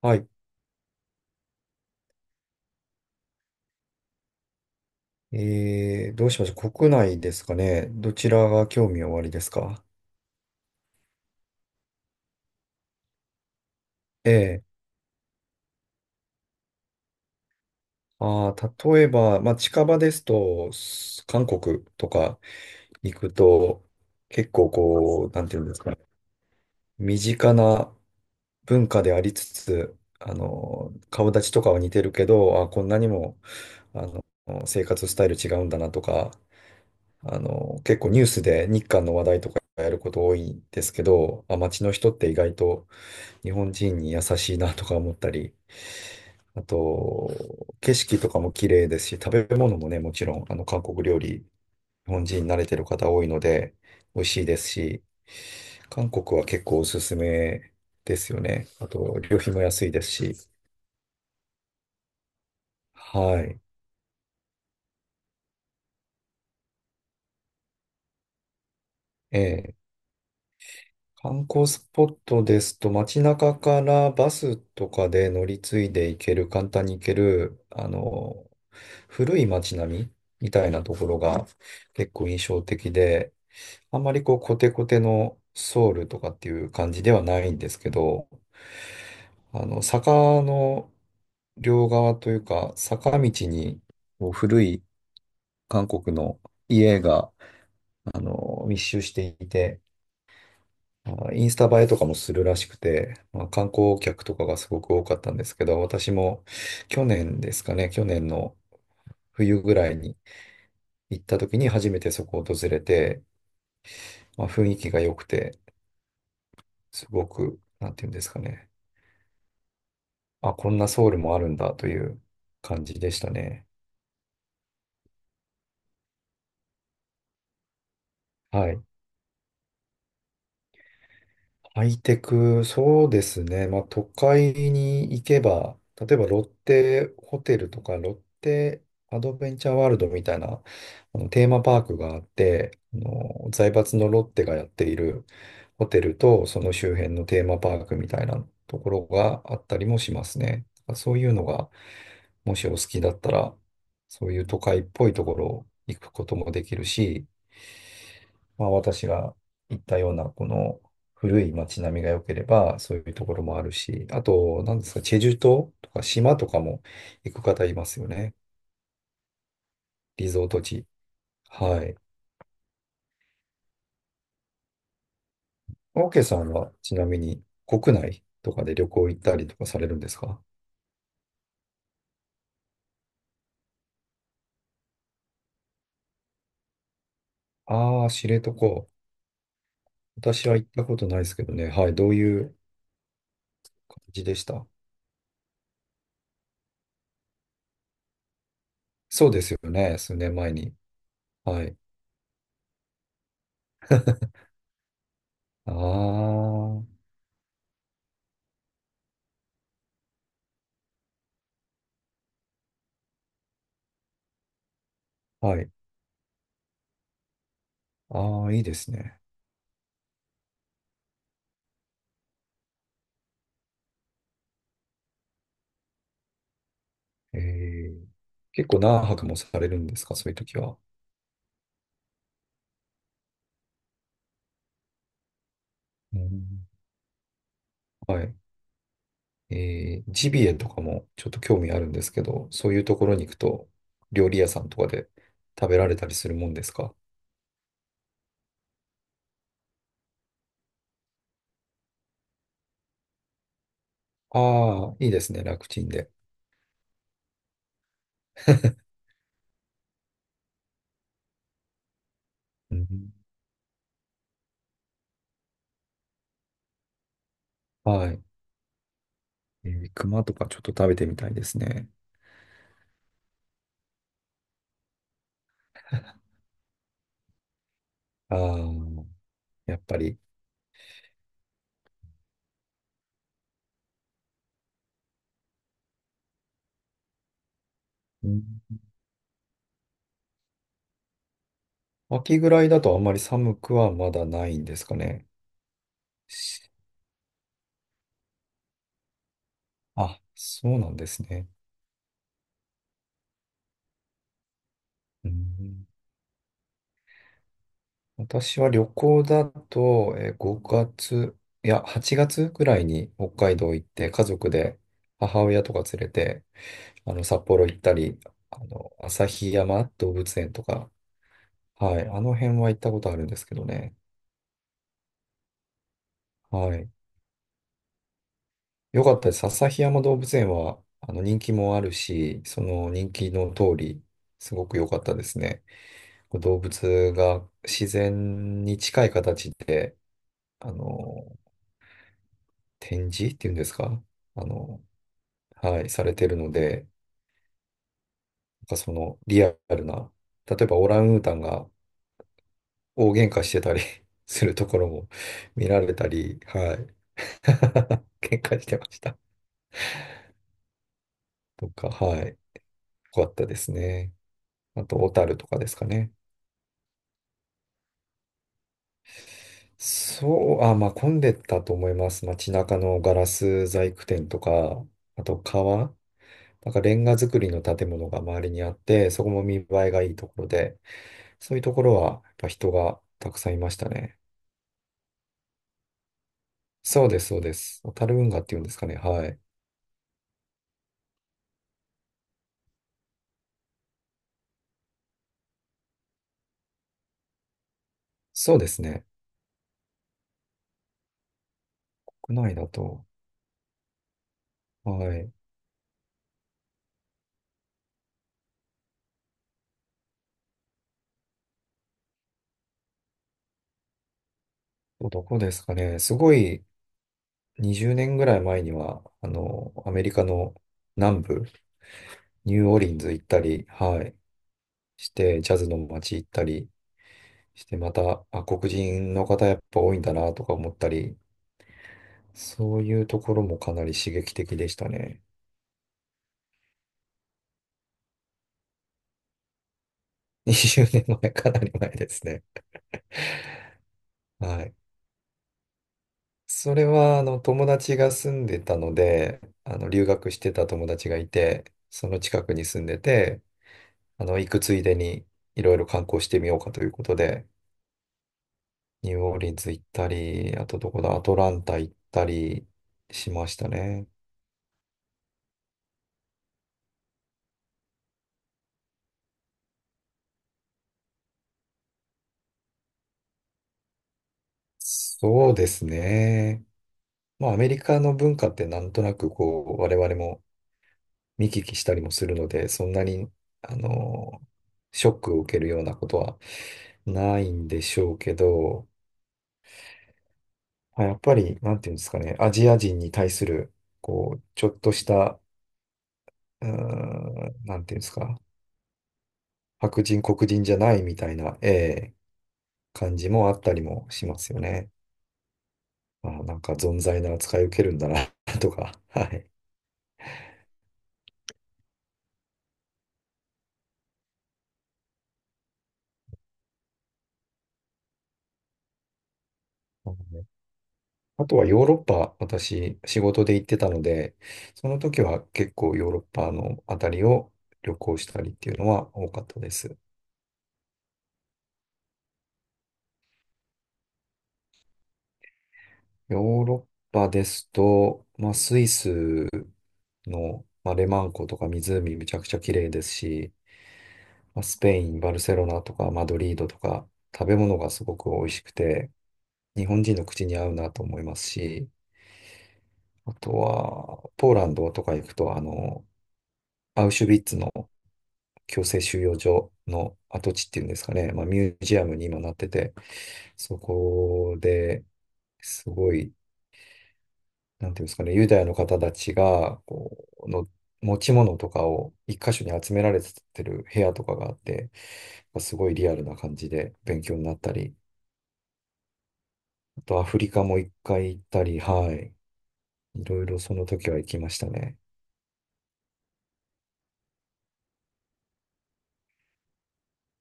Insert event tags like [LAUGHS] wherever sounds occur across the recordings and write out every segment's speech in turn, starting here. はい。どうしましょう。国内ですかね。どちらが興味おありですか？ええ。ああ、例えば、まあ、近場ですと、韓国とか行くと、結構こう、なんていうんですかね。身近な文化でありつつ、顔立ちとかは似てるけど、あ、こんなにも、あの、生活スタイル違うんだなとか。結構ニュースで日韓の話題とかやること多いんですけど、あ、街の人って意外と、日本人に優しいなとか思ったり、あと、景色とかも綺麗ですし、食べ物もね、もちろん、韓国料理、日本人慣れてる方多いので、美味しいですし、韓国は結構おすすめですよね。あと、旅費も安いですし。はい。ええ、観光スポットですと、街中からバスとかで乗り継いで行ける、簡単に行ける、古い街並みみたいなところが結構印象的で、あんまりこうコテコテのソウルとかっていう感じではないんですけど、坂の両側というか、坂道にこう古い韓国の家が、密集していて、あインスタ映えとかもするらしくて、まあ、観光客とかがすごく多かったんですけど、私も去年ですかね、去年の冬ぐらいに行った時に初めてそこを訪れて、まあ、雰囲気が良くて、すごく、なんていうんですかね、あ、こんなソウルもあるんだという感じでしたね。はい。ハイテク、そうですね。まあ、都会に行けば、例えばロッテホテルとか、ロッテアドベンチャーワールドみたいな、テーマパークがあって、財閥のロッテがやっているホテルと、その周辺のテーマパークみたいなところがあったりもしますね。そういうのが、もしお好きだったら、そういう都会っぽいところ行くこともできるし、まあ、私が行ったような、この古い街並みが良ければ、そういうところもあるし、あと、なんですか、チェジュ島とか島とかも行く方いますよね。リゾート地。はい。オーケーさんは、ちなみに、国内とかで旅行行ったりとかされるんですか？ああー、知床。私は行ったことないですけどね。はい。どういう感じでした？そうですよね。数年前に。はい。ああ、はい。ああ、いいですね。えー結構何泊もされるんですか、そういう時は。うん、はい。ジビエとかもちょっと興味あるんですけど、そういうところに行くと、料理屋さんとかで食べられたりするもんですか？ああいいですね、楽ちんで。うん、はい。熊とかちょっと食べてみたいですね。ああ、やっぱり。うん。秋ぐらいだとあんまり寒くはまだないんですかね。しあ、そうなんですね。うん。私は旅行だと、5月、いや、8月くらいに北海道行って、家族で母親とか連れて、札幌行ったり、旭山動物園とか、はい、あの辺は行ったことあるんですけどね。はい。よかったです。旭山動物園は、人気もあるし、その人気の通り、すごく良かったですね。こう動物が自然に近い形で、あの、展示っていうんですか？あの、はい、されてるので、なんかそのリアルな、例えばオランウータンが大喧嘩してたり [LAUGHS] するところも見られたり、はい。[LAUGHS] 喧嘩してました。とか、はい。よかったですね。あと、小樽とかですかね。そう、あ、まあ混んでたと思います。街中のガラス細工店とか、あと川、なんかレンガ造りの建物が周りにあって、そこも見栄えがいいところで、そういうところはやっぱ人がたくさんいましたね。そうです、そうです。小樽運河っていうんですかね。はい。そうですね。国内だと。はい。どこですかね。すごい、20年ぐらい前には、アメリカの南部、ニューオーリンズ行ったり、はい。して、ジャズの街行ったりして、また、あ、黒人の方やっぱ多いんだなとか思ったり、そういうところもかなり刺激的でしたね。20年前、かなり前ですね。はい。それは、友達が住んでたので、留学してた友達がいて、その近くに住んでて、行くついでに、いろいろ観光してみようかということで、ニューオーリンズ行ったり、あとどこだ、アトランタ行ったりしましたね。そうですね。まあ、アメリカの文化ってなんとなく、こう、我々も見聞きしたりもするので、そんなに、あの、ショックを受けるようなことはないんでしょうけど、あやっぱり、なんていうんですかね、アジア人に対する、こう、ちょっとした、なんていうんですか、白人、黒人じゃないみたいな、ええ、感じもあったりもしますよね。あ、なんか、存在な扱い受けるんだな [LAUGHS] とか、はい。あとはヨーロッパ、私、仕事で行ってたので、その時は結構ヨーロッパのあたりを旅行したりっていうのは多かったです。ヨーロッパですと、まあ、スイスの、まあ、レマン湖とか湖めちゃくちゃ綺麗ですし、まあ、スペイン、バルセロナとかマドリードとか食べ物がすごく美味しくて、日本人の口に合うなと思いますし、あとはポーランドとか行くと、アウシュビッツの強制収容所の跡地っていうんですかね、まあ、ミュージアムに今なってて、そこですごいなんていうんですかね、ユダヤの方たちが、こう、の持ち物とかを一箇所に集められてる部屋とかがあって、すごいリアルな感じで勉強になったり、あとアフリカも一回行ったり、はい。いろいろその時は行きましたね。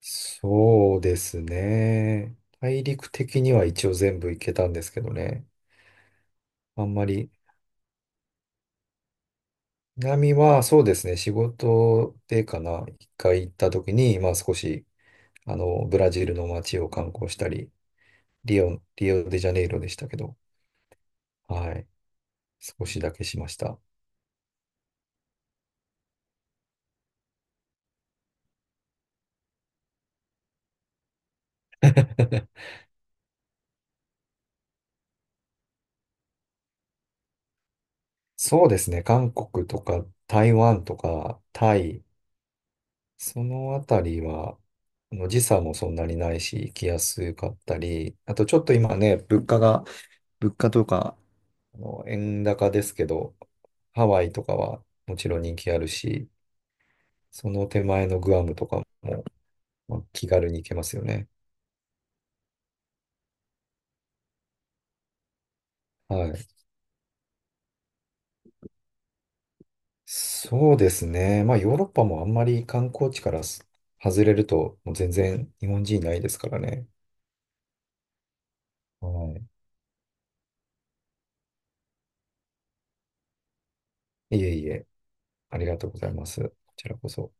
そうですね。大陸的には一応全部行けたんですけどね。あんまり、南はそうですね、仕事でかな、一回行った時に、まあ少し、ブラジルの街を観光したり、リオデジャネイロでしたけど、はい。少しだけしました。[LAUGHS] そうですね。韓国とか台湾とかタイ、そのあたりは、時差もそんなにないし、行きやすかったり、あとちょっと今ね、物価とか、円高ですけど、ハワイとかはもちろん人気あるし、その手前のグアムとかも、まあ気軽に行けますよね。はい。そうですね。まあ、ヨーロッパもあんまり観光地から外れると、もう全然日本人いないですからね。はい。いえいえ、ありがとうございます。こちらこそ。